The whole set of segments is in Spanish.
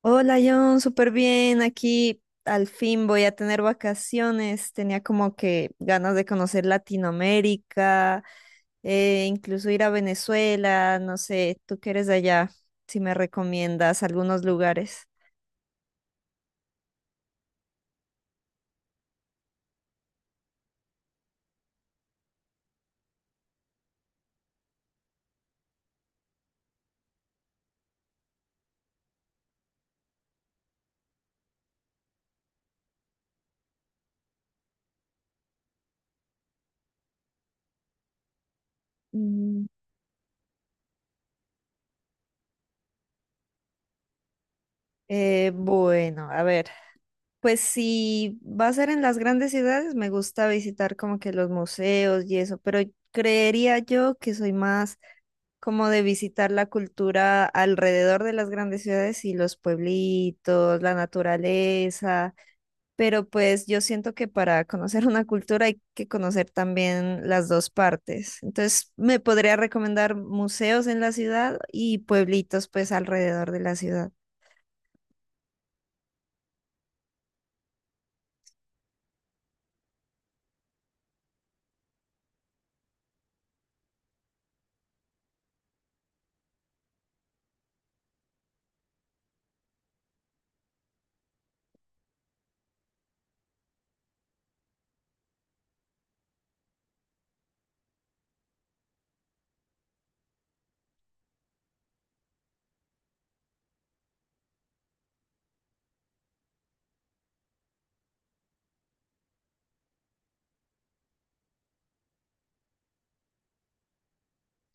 Hola John, súper bien. Aquí al fin voy a tener vacaciones. Tenía como que ganas de conocer Latinoamérica, incluso ir a Venezuela. No sé, tú que eres de allá, si me recomiendas algunos lugares. Mm. Bueno, a ver, pues si va a ser en las grandes ciudades, me gusta visitar como que los museos y eso, pero creería yo que soy más como de visitar la cultura alrededor de las grandes ciudades y los pueblitos, la naturaleza, pero pues yo siento que para conocer una cultura hay que conocer también las dos partes. Entonces, me podría recomendar museos en la ciudad y pueblitos pues alrededor de la ciudad.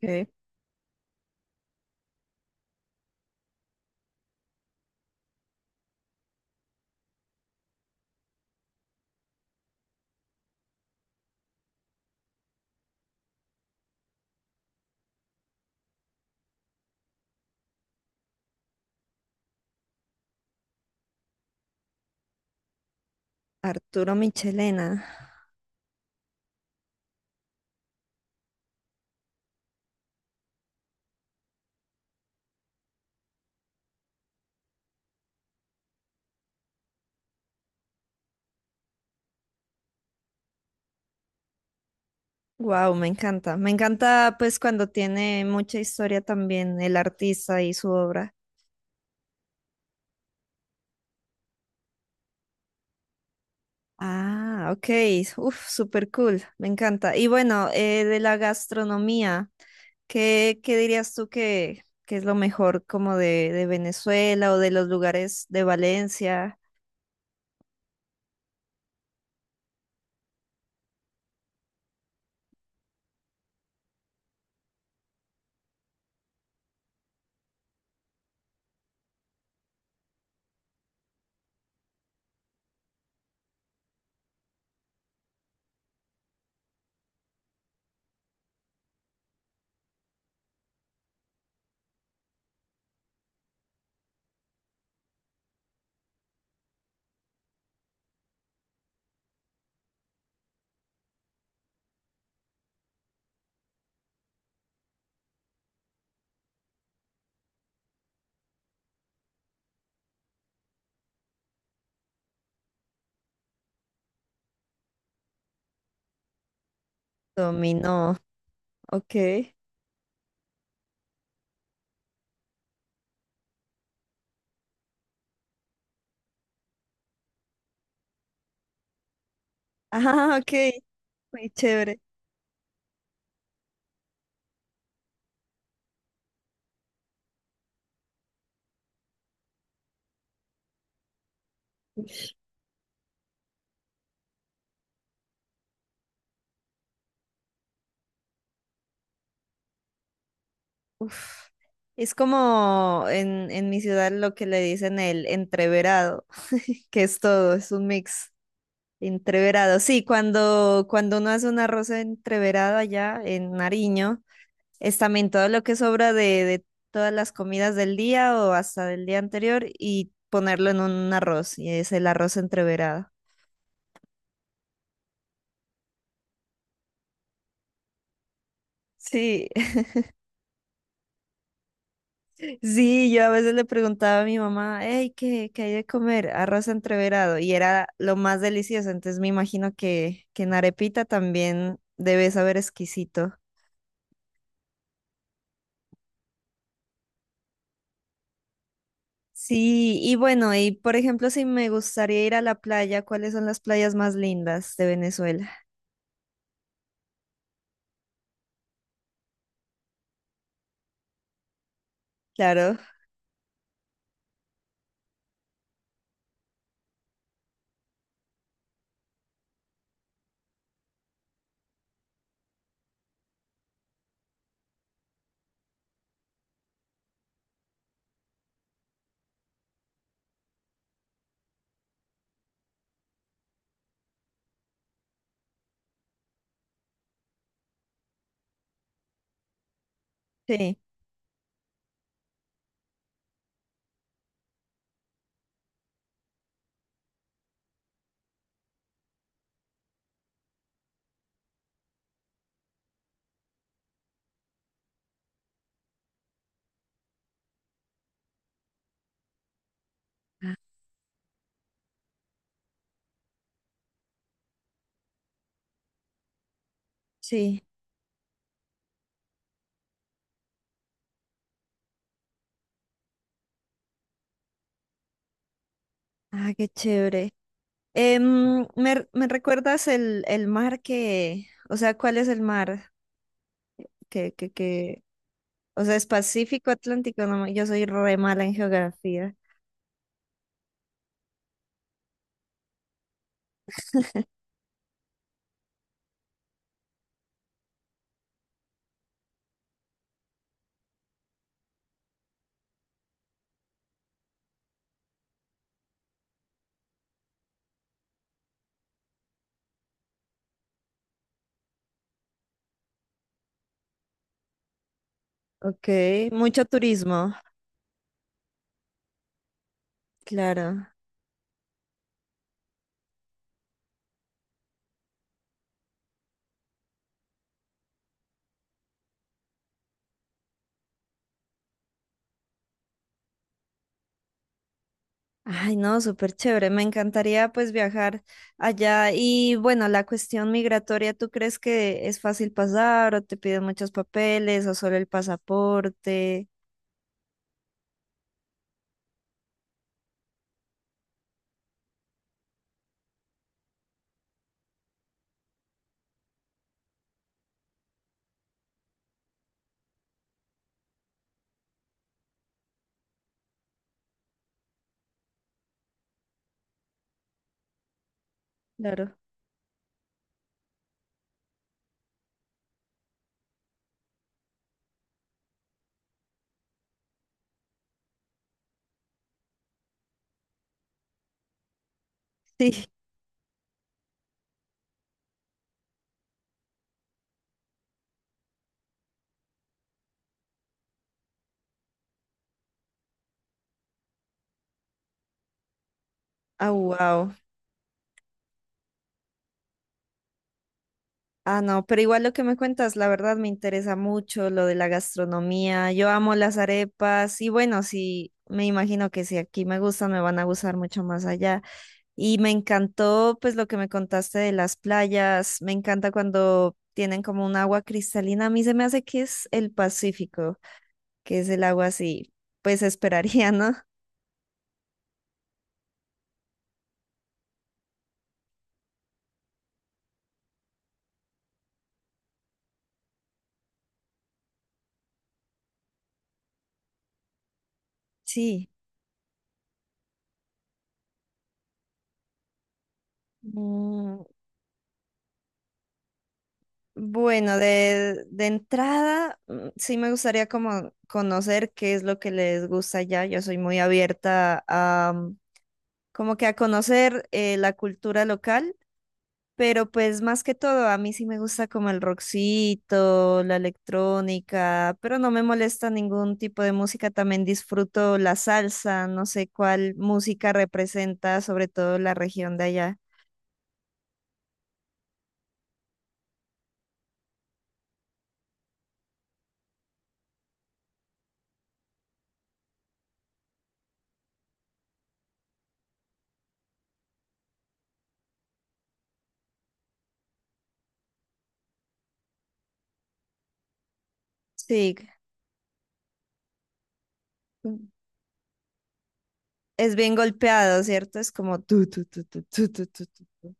Ok. Arturo Michelena. Wow, me encanta. Me encanta pues cuando tiene mucha historia también el artista y su obra. Ah, ok. Uf, súper cool. Me encanta. Y bueno, de la gastronomía, ¿qué dirías tú que es lo mejor como de Venezuela o de los lugares de Valencia? Dominó. Ok. Ah, ok. Muy chévere. Uf. Es como en mi ciudad lo que le dicen el entreverado, que es todo, es un mix. Entreverado. Sí, cuando uno hace un arroz entreverado allá en Nariño. Es también todo lo que sobra de todas las comidas del día o hasta del día anterior y ponerlo en un arroz, y es el arroz entreverado. Sí, sí, yo a veces le preguntaba a mi mamá, hey, ¿qué hay de comer? Arroz entreverado, y era lo más delicioso, entonces me imagino que en arepita también debe saber exquisito. Sí, y bueno, y por ejemplo, si me gustaría ir a la playa, ¿cuáles son las playas más lindas de Venezuela? Claro, sí, sí. Ah, qué chévere. ¿Me recuerdas el mar que, o sea, cuál es el mar que, o sea, es Pacífico, Atlántico? No, yo soy re mala en geografía. Ok, mucho turismo, claro. Ay, no, súper chévere. Me encantaría pues viajar allá. Y bueno, la cuestión migratoria, ¿tú crees que es fácil pasar o te piden muchos papeles o solo el pasaporte? Claro. Sí. Ah, wow. Ah, no, pero igual lo que me cuentas, la verdad me interesa mucho lo de la gastronomía. Yo amo las arepas y bueno, sí, me imagino que si aquí me gustan, me van a gustar mucho más allá. Y me encantó pues lo que me contaste de las playas. Me encanta cuando tienen como un agua cristalina. A mí se me hace que es el Pacífico, que es el agua así, pues esperaría, ¿no? Sí. Mm. Bueno, de entrada, mm, sí me gustaría como conocer qué es lo que les gusta allá. Yo soy muy abierta a mm, como que a conocer la cultura local, pero pues más que todo, a mí sí me gusta como el rockcito, la electrónica, pero no me molesta ningún tipo de música. También disfruto la salsa, no sé cuál música representa sobre todo la región de allá. Sí. Es bien golpeado, ¿cierto? Es como tu, tú.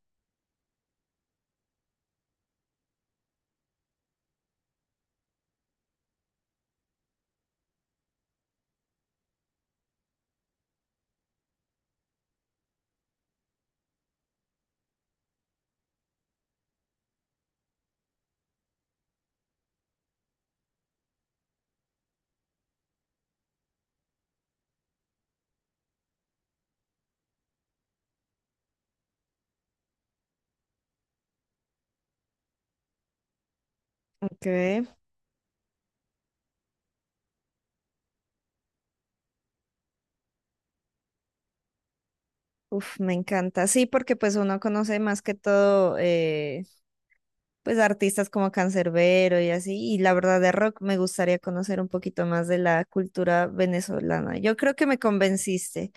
Ok. Uf, me encanta. Sí, porque pues uno conoce más que todo, pues artistas como Canserbero y así. Y la verdad de rock me gustaría conocer un poquito más de la cultura venezolana. Yo creo que me convenciste.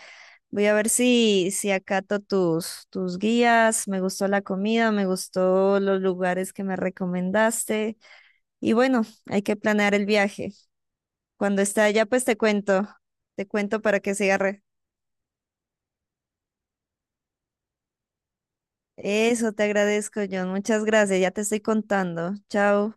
Voy a ver si acato tus guías. Me gustó la comida, me gustó los lugares que me recomendaste. Y bueno, hay que planear el viaje. Cuando está allá, pues te cuento para que se agarre. Eso te agradezco, John. Muchas gracias, ya te estoy contando. Chao.